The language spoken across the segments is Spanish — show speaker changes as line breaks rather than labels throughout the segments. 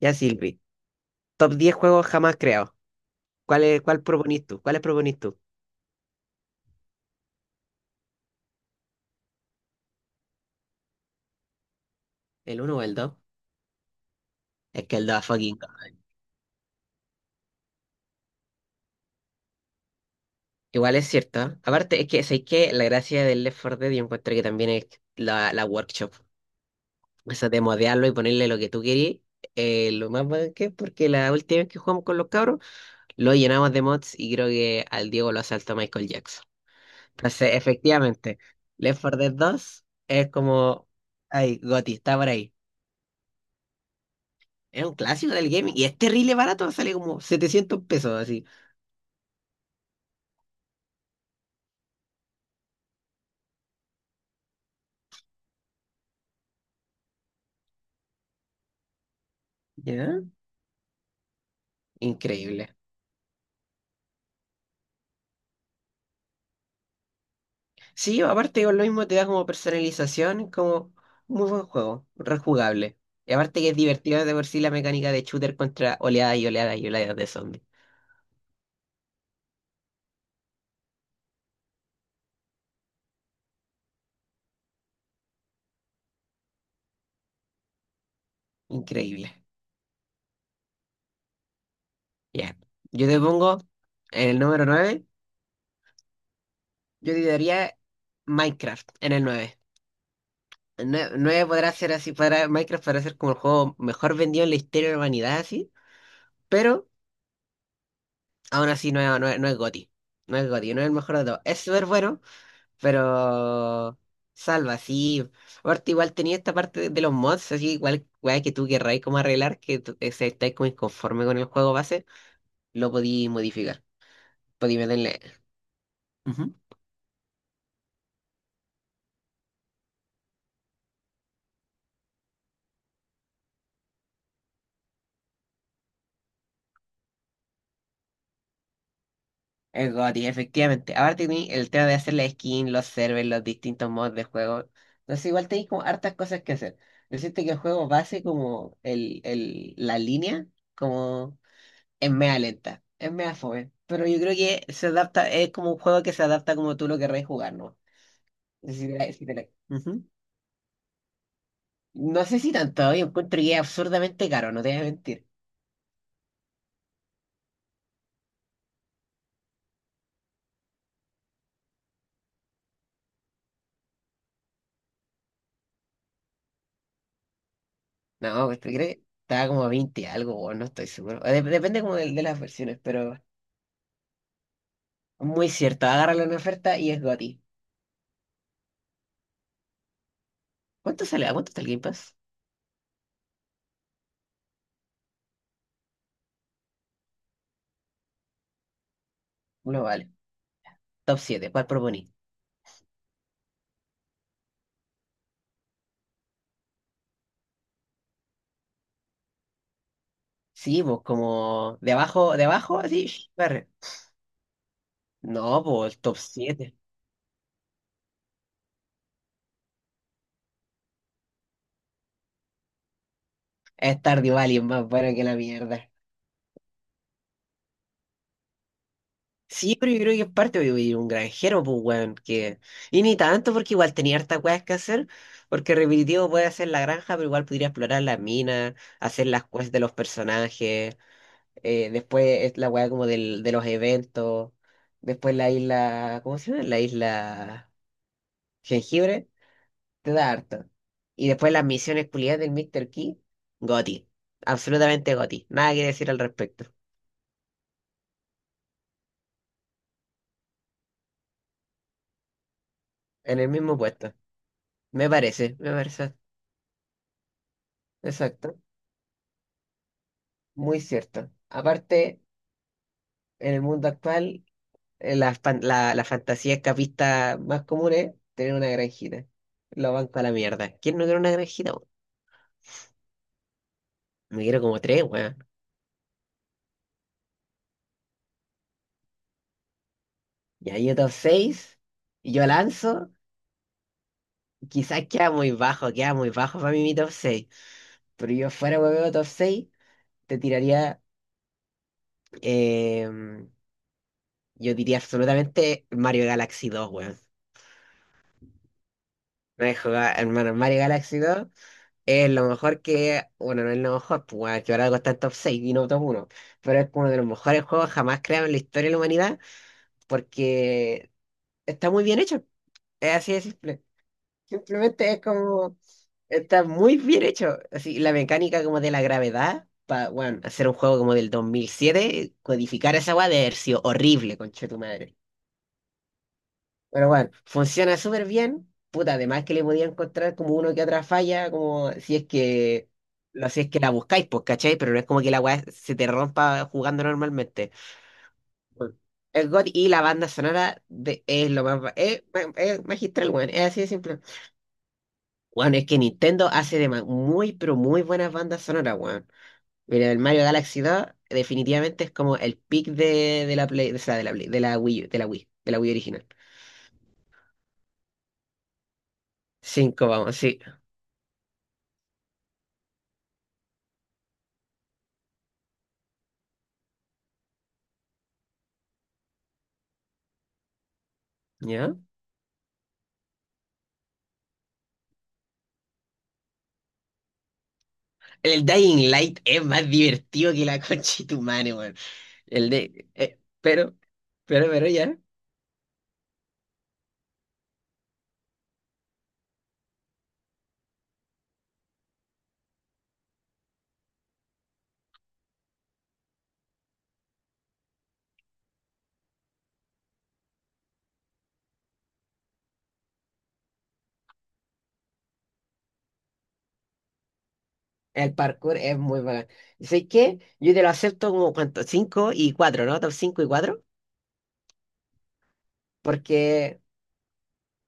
Ya, Silvi. Top 10 juegos jamás creados. ¿Cuál es, cuál proponís tú? ¿Cuáles proponís tú? ¿El uno o el dos? Es que el 2 es fucking God. Igual es cierto, ¿eh? Aparte, es que, ¿sabéis qué? La gracia del Left 4 Dead yo encuentro que también es la workshop. Eso de modearlo y ponerle lo que tú querís. Lo más bueno que es porque la última vez que jugamos con los cabros lo llenamos de mods y creo que al Diego lo asaltó Michael Jackson. Entonces, efectivamente, Left 4 Dead 2 es como... Ay, Goti, está por ahí. Es un clásico del gaming y es terrible barato, sale como 700 pesos así. ¿Ya? Increíble. Sí, aparte con lo mismo te da como personalización, como muy buen juego, rejugable. Y aparte que es divertido de por sí la mecánica de shooter contra oleadas y oleadas y oleadas de zombies. Increíble. Ya. Yo te pongo en el número nueve, yo te daría Minecraft en el nueve. El 9 podrá ser así, para Minecraft podrá ser como el juego mejor vendido en la historia de la humanidad, así, pero aún así, no es GOTY. No es GOTY, no es el mejor de todos. Es súper bueno, pero salva, sí. Aparte, igual tenía esta parte de los mods, así igual weá, que tú querráis como arreglar, se estáis como inconforme con el juego base, lo podí modificar. Podí meterle. Ujú. Es GOTY, efectivamente. Aparte, tení el tema de hacer la skin, los servers, los distintos mods de juego. Entonces, igual tenéis como hartas cosas que hacer. Decirte que el juego base, como la línea, como. Es mea lenta, es mea fome. Pero yo creo que se adapta, es como un juego que se adapta como tú lo querrás jugar, ¿no? Si te la- si te la- Ujú. No sé si tanto, yo encuentro que es absurdamente caro, no te voy a mentir. No, pues, ¿tú crees? Estaba como a 20 algo, o no estoy seguro. Depende como de las versiones, pero muy cierto. Agárralo en oferta y es goti. ¿Cuánto sale? ¿A cuánto está el Game Pass? No vale. Top siete. ¿Cuál proponí? Sí, pues como de abajo, así, sh, barre. No, pues top siete. Es Stardew Valley es más bueno que la mierda. Sí, pero yo creo que es parte de vivir un granjero, pues, weón, que... Y ni tanto, porque igual tenía hartas weas que hacer, porque repetitivo puede hacer la granja, pero igual podría explorar las minas, hacer las quests de los personajes, después es la wea como del, de los eventos, después la isla... ¿Cómo se llama? La isla Jengibre, te da harto. Y después las misiones culiadas del Mr. Key. Goti. Absolutamente Goti. Nada que decir al respecto. En el mismo puesto. Me parece, me parece. Exacto. Muy cierto. Aparte, en el mundo actual, la fantasía escapista más común es tener una granjita. Lo banco a la mierda. ¿Quién no quiere una granjita, weón? Me quiero como tres, weón. Y ahí yo top 6, y yo lanzo, quizás queda muy bajo para mí mi top seis. Pero yo fuera, weón, top 6 te tiraría, em, yo diría absolutamente Mario Galaxy dos, weón. No he jugado, hermano, Mario Galaxy dos. Es lo mejor que, bueno, no es lo mejor, pues bueno, que ahora algo está en top 6 y no top uno, pero es uno de los mejores juegos jamás creados en la historia de la humanidad, porque está muy bien hecho, es así de simple. Simplemente es como, está muy bien hecho. Así, la mecánica como de la gravedad, para, bueno, hacer un juego como del 2007 codificar esa weá de haber sido horrible, conche tu madre. Pero bueno, funciona súper bien. Puta, además que le podía encontrar como uno que otra falla, como si es que, no, si es que la buscáis, pues, ¿cachai? Pero no es como que la weá se te rompa jugando normalmente. El God y la banda sonora de, es lo más. Es magistral, weón. Es así de simple. Weón, es que Nintendo hace muy, pero muy buenas bandas sonoras, weón. Mira, el Mario Galaxy 2 definitivamente es como el pick de la Play, o sea, de la Play, de la Wii, de la Wii original. Cinco vamos, sí. ¿Ya? El Dying Light es más divertido que la concha de tu madre, weón. El de. Pero ya. El parkour es muy bacán. ¿Y sabes qué? Yo te lo acepto como cuánto, cinco y 4, ¿no? Top 5 y cuatro. Porque.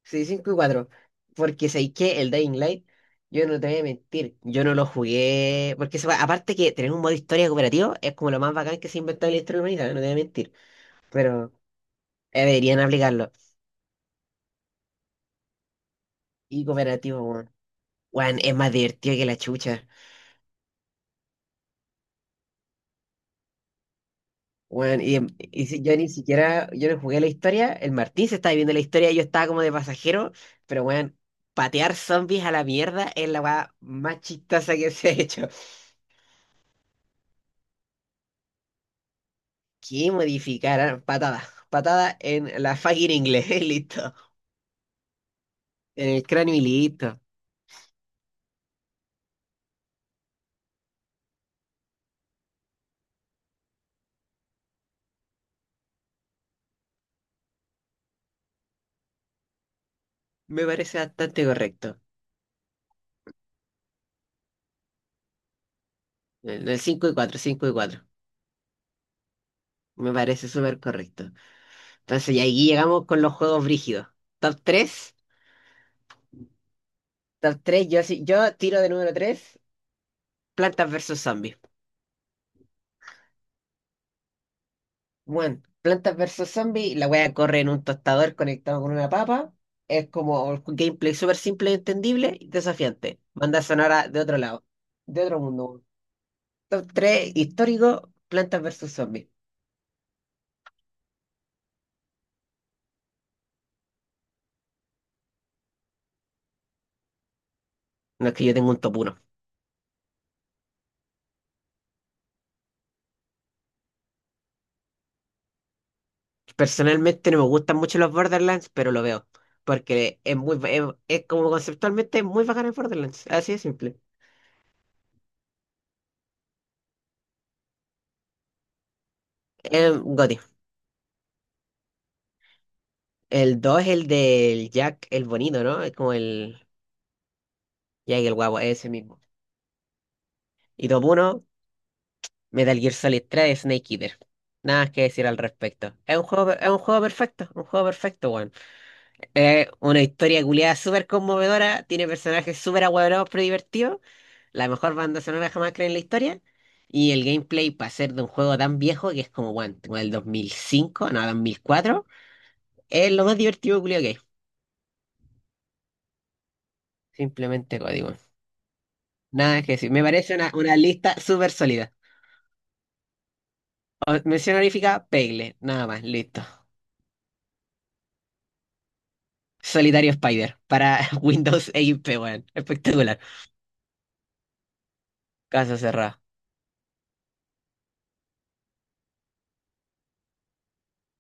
Sí, cinco y cuatro. Porque, ¿sabes qué? El Dying Light, yo no te voy a mentir. Yo no lo jugué. Aparte que tener un modo historia cooperativo es como lo más bacán que se ha inventado en la historia de la humanidad, no te voy a mentir. Pero deberían aplicarlo. Y cooperativo, weón. Weón, es más divertido que la chucha. Bueno, yo ni siquiera, yo no jugué la historia, el Martín se estaba viviendo la historia, yo estaba como de pasajero, pero bueno, patear zombies a la mierda es la weá más chistosa que se ha hecho. ¿Qué modificar? Ah, patada, patada en la fucking inglés, listo. En el cráneo y listo. Me parece bastante correcto. En el 5 y cuatro, 5 y cuatro. Me parece súper correcto. Entonces, y aquí llegamos con los juegos brígidos. Top tres. Yo tiro de número tres, plantas versus zombies. Bueno, Plantas versus Zombies, la wea corre en un tostador conectado con una papa. Es como un gameplay súper simple, entendible y desafiante. Banda sonora de otro lado, de otro mundo, weón. Top 3 histórico, Plantas versus Zombies. No, es que yo tengo un top uno. Personalmente no me gustan mucho los Borderlands, pero lo veo. Porque es como conceptualmente muy bacán el Borderlands. Así de simple. Gotti. El 2 es el del Jack el bonito, ¿no? Es como el Jack el guapo, es ese mismo. Y top uno, Metal Gear Solid 3 Snake Eater. Nada más que decir al respecto. Es un juego perfecto, weón. Es una historia culiada súper conmovedora, tiene personajes súper ahueonados pero divertidos, la mejor banda sonora jamás creada en la historia, y el gameplay para ser de un juego tan viejo que es como, weón, como el 2005, no, 2004, es lo más divertido culiado que hay. Simplemente código. Nada que decir, me parece una lista súper sólida. Mención honorífica, Pegle, nada más, listo. Solitario Spider para Windows XP, weón. Espectacular. Casa cerrada.